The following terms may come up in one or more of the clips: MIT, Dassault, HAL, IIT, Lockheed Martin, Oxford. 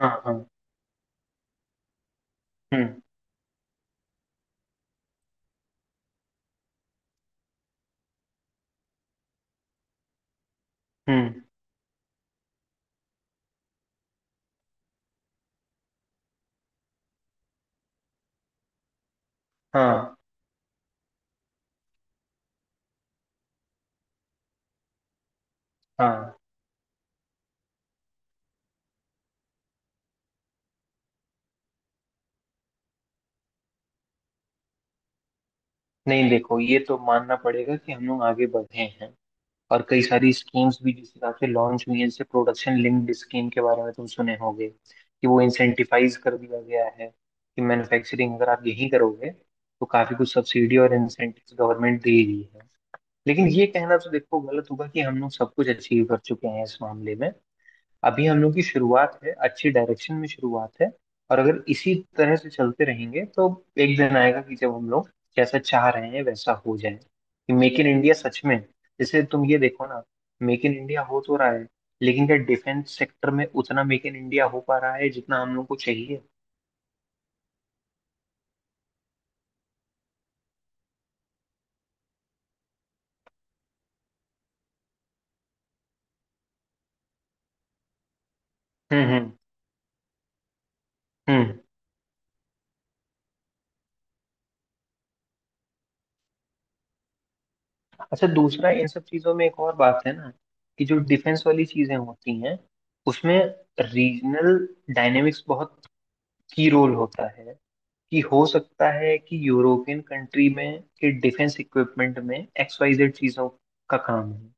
हाँ, हाँ। हम्म, हम्म। हाँ, हाँ। नहीं, देखो ये तो मानना पड़ेगा कि हम लोग आगे बढ़े हैं। और कई सारी स्कीम्स भी जिस हिसाब से लॉन्च हुई है, जैसे प्रोडक्शन लिंक्ड स्कीम के बारे में तुम सुने होगे कि वो इंसेंटिवाइज कर दिया गया है, कि मैन्युफैक्चरिंग अगर आप यहीं करोगे तो काफी कुछ सब्सिडी और इंसेंटिव गवर्नमेंट दे रही है। लेकिन ये कहना तो देखो गलत होगा कि हम लोग सब कुछ अचीव कर चुके हैं इस मामले में। अभी हम लोग की शुरुआत है, अच्छी डायरेक्शन में शुरुआत है। और अगर इसी तरह से चलते रहेंगे तो एक दिन आएगा कि जब हम लोग जैसा चाह रहे हैं वैसा हो जाए, कि मेक इन इंडिया सच में। जैसे तुम ये देखो ना, मेक इन इंडिया हो तो रहा है, लेकिन क्या डिफेंस सेक्टर में उतना मेक इन इंडिया हो पा रहा है जितना हम लोग को चाहिए। हम्म, हम्म, हम्म। अच्छा, दूसरा, इन सब चीजों में एक और बात है ना, कि जो डिफेंस वाली चीजें होती हैं, उसमें रीजनल डायनेमिक्स बहुत की रोल होता है। कि हो सकता है कि यूरोपियन कंट्री में के डिफेंस इक्विपमेंट में XYZ चीजों का काम है।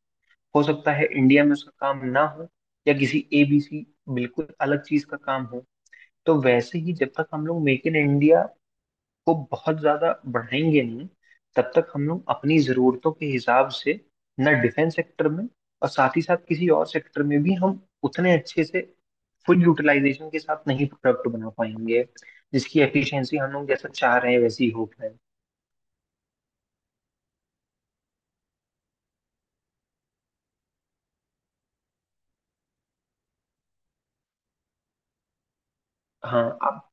हो सकता है इंडिया में उसका काम ना हो, या किसी ABC बिल्कुल अलग चीज का काम हो। तो वैसे ही जब तक हम लोग मेक इन इंडिया को बहुत ज्यादा बढ़ाएंगे नहीं, तब तक हम लोग अपनी जरूरतों के हिसाब से न डिफेंस सेक्टर में, और साथ ही साथ किसी और सेक्टर में भी हम उतने अच्छे से फुल यूटिलाइजेशन के साथ नहीं प्रोडक्ट बना पाएंगे, जिसकी एफिशिएंसी हम लोग जैसा चाह रहे हैं वैसी हो पाए। हाँ, आप।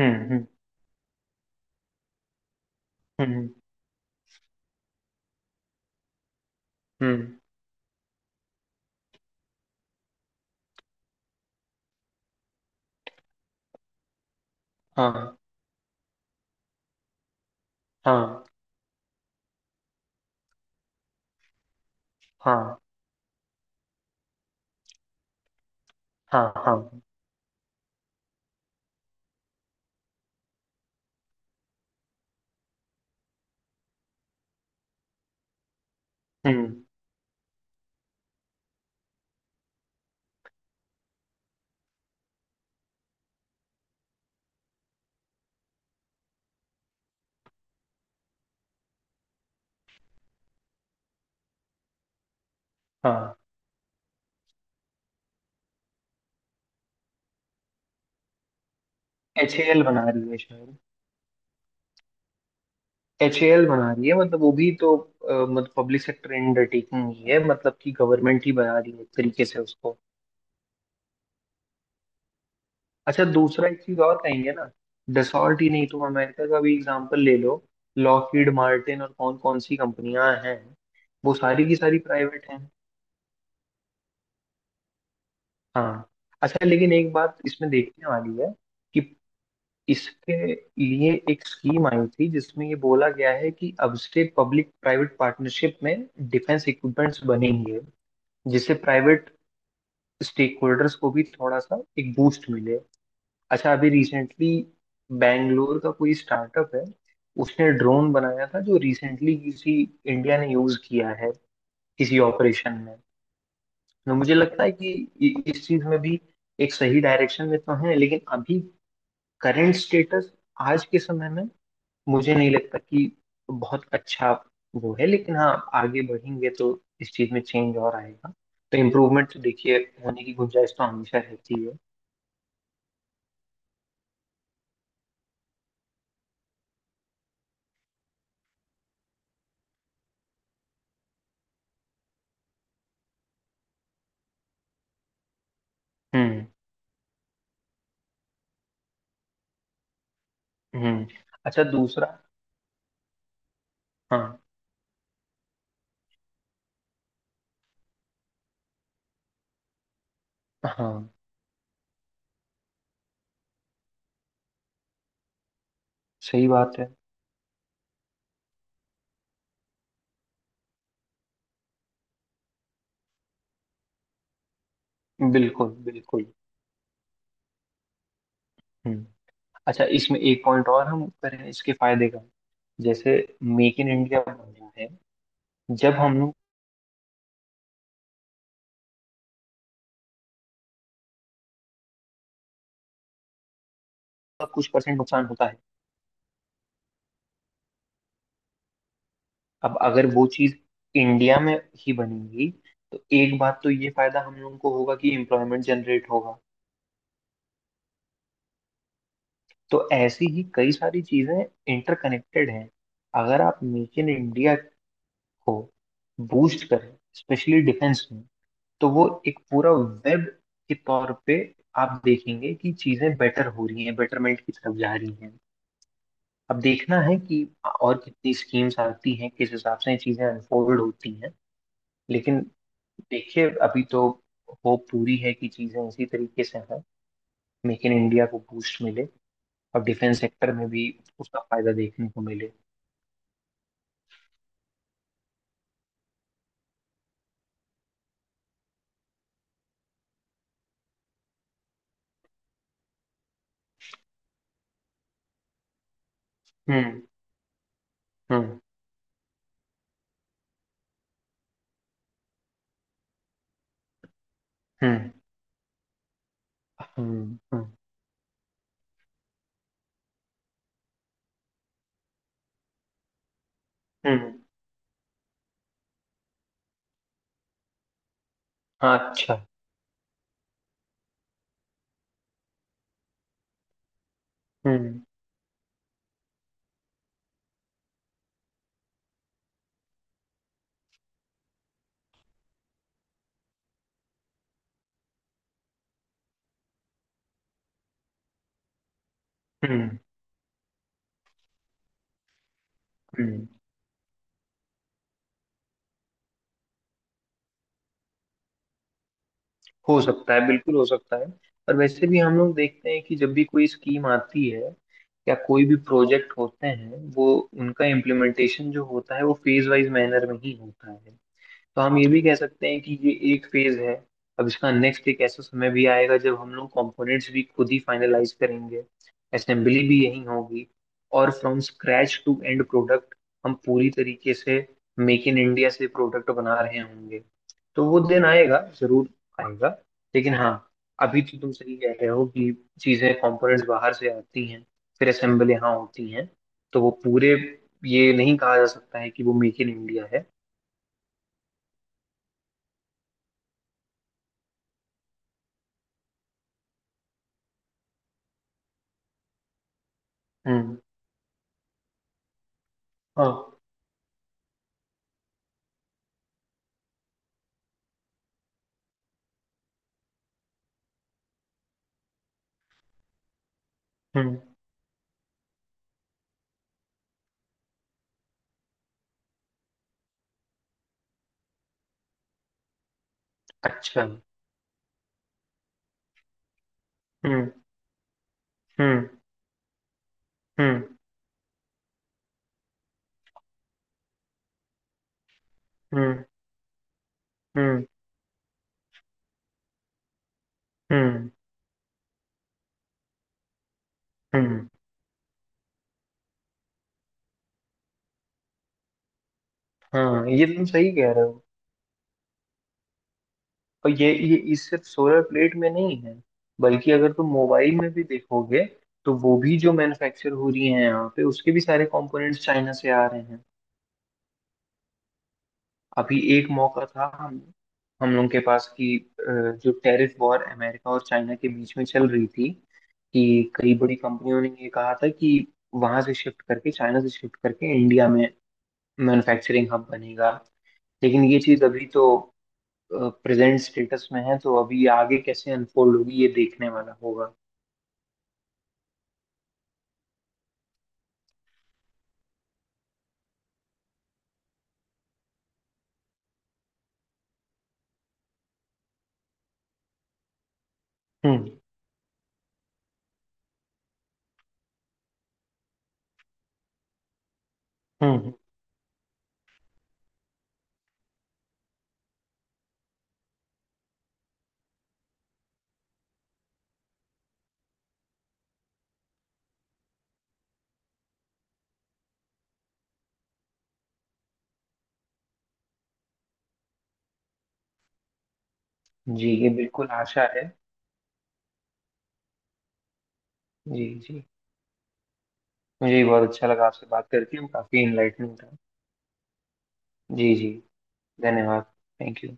हम्म, हम्म, हम्म, हम्म। हाँ, हाँ, हाँ, हाँ। हाँ। हम्म। हाँ। HAL बना रही है शायद। एच ए एल बना रही है, मतलब वो भी तो मतलब पब्लिक सेक्टर अंडरटेकिंग ही है, मतलब कि गवर्नमेंट ही बना रही है एक तरीके से उसको। अच्छा, दूसरा एक चीज और कहेंगे ना। डसॉल्ट ही नहीं, तुम अमेरिका का भी एग्जांपल ले लो। लॉकहीड मार्टिन और कौन कौन सी कंपनियां हैं, वो सारी की सारी प्राइवेट हैं। हाँ। अच्छा, लेकिन एक बात इसमें देखने वाली है, कि इसके लिए एक स्कीम आई थी जिसमें ये बोला गया है कि अब से पब्लिक प्राइवेट पार्टनरशिप में डिफेंस इक्विपमेंट्स बनेंगे, जिससे प्राइवेट स्टेक होल्डर्स को भी थोड़ा सा एक बूस्ट मिले। अच्छा, अभी रिसेंटली बैंगलोर का कोई स्टार्टअप है, उसने ड्रोन बनाया था जो रिसेंटली किसी, इंडिया ने यूज किया है किसी ऑपरेशन में। तो मुझे लगता है कि इस चीज में भी, एक सही डायरेक्शन में तो है लेकिन अभी करंट स्टेटस, आज के समय में मुझे नहीं लगता कि बहुत अच्छा वो है, लेकिन हाँ, आगे बढ़ेंगे तो इस चीज में चेंज और आएगा। तो इम्प्रूवमेंट तो देखिए, होने की गुंजाइश तो हमेशा रहती है। हम्म, हम्म। अच्छा, दूसरा। हाँ। हाँ। सही बात है। बिल्कुल, बिल्कुल। हम्म। अच्छा, इसमें एक पॉइंट और हम करें इसके फायदे का। जैसे मेक इन इंडिया बन रहा है, जब हम लोग का कुछ परसेंट नुकसान होता है। अब अगर वो चीज इंडिया में ही बनेगी, तो एक बात तो ये फायदा हम लोगों को होगा कि एम्प्लॉयमेंट जनरेट होगा। तो ऐसी ही कई सारी चीजें इंटरकनेक्टेड हैं। अगर आप मेक इन इंडिया को बूस्ट करें, स्पेशली डिफेंस में, तो वो एक पूरा वेब के तौर पे आप देखेंगे कि चीजें बेटर हो रही हैं, बेटरमेंट की तरफ जा रही हैं। अब देखना है कि और कितनी स्कीम्स आती हैं, किस हिसाब से ये चीजें अनफोल्ड होती हैं। लेकिन देखिए, अभी तो होप पूरी है कि चीजें इसी तरीके से हैं, मेक इन इंडिया को बूस्ट मिले और डिफेंस सेक्टर में भी उसका फायदा देखने को मिले। हम्म, हम्म, हम्म, हम्म, हम्म, हम्म। हाँ, अच्छा। हम्म, हम्म, हम्म। हो सकता है, बिल्कुल हो सकता है। और वैसे भी हम लोग देखते हैं कि जब भी कोई स्कीम आती है या कोई भी प्रोजेक्ट होते हैं, वो, उनका इम्प्लीमेंटेशन जो होता है वो फेज वाइज मैनर में ही होता है। तो हम ये भी कह सकते हैं कि ये एक फेज है। अब इसका नेक्स्ट, एक ऐसा समय भी आएगा जब हम लोग कंपोनेंट्स भी खुद ही फाइनलाइज करेंगे, असेंबली भी यही होगी, और from scratch to end product हम पूरी तरीके से मेक इन इंडिया से प्रोडक्ट बना रहे होंगे। तो वो दिन आएगा, जरूर आएगा। लेकिन हाँ, अभी तो तुम सही कह रहे हो कि चीजें, कंपोनेंट्स बाहर से आती हैं फिर असेंबल यहाँ होती हैं। तो वो पूरे, ये नहीं कहा जा सकता है कि वो मेक इन इंडिया है। हम्म। हाँ। हम्म। अच्छा। हम्म, हम्म, हम्म, हम्म, हम्म, हम्म, हम्म। हाँ, ये तुम सही कह रहे हो। और ये इस सिर्फ सोलर प्लेट में नहीं है, बल्कि अगर तुम मोबाइल में भी देखोगे तो वो भी जो मैन्युफैक्चर हो रही है यहाँ पे, उसके भी सारे कंपोनेंट्स चाइना से आ रहे हैं। अभी एक मौका था हम लोगों के पास कि जो टैरिफ वॉर अमेरिका और चाइना के बीच में चल रही थी, कि कई बड़ी कंपनियों ने ये कहा था कि वहां से शिफ्ट करके, चाइना से शिफ्ट करके इंडिया में मैन्युफैक्चरिंग हब बनेगा। लेकिन ये चीज अभी तो प्रेजेंट स्टेटस में है, तो अभी आगे कैसे अनफोल्ड होगी ये देखने वाला होगा। हम्म, हम्म। जी, ये बिल्कुल आशा है। जी, जी। मुझे भी बहुत अच्छा लगा आपसे बात करके, काफी इनलाइटनिंग था। जी, जी। धन्यवाद। Thank you.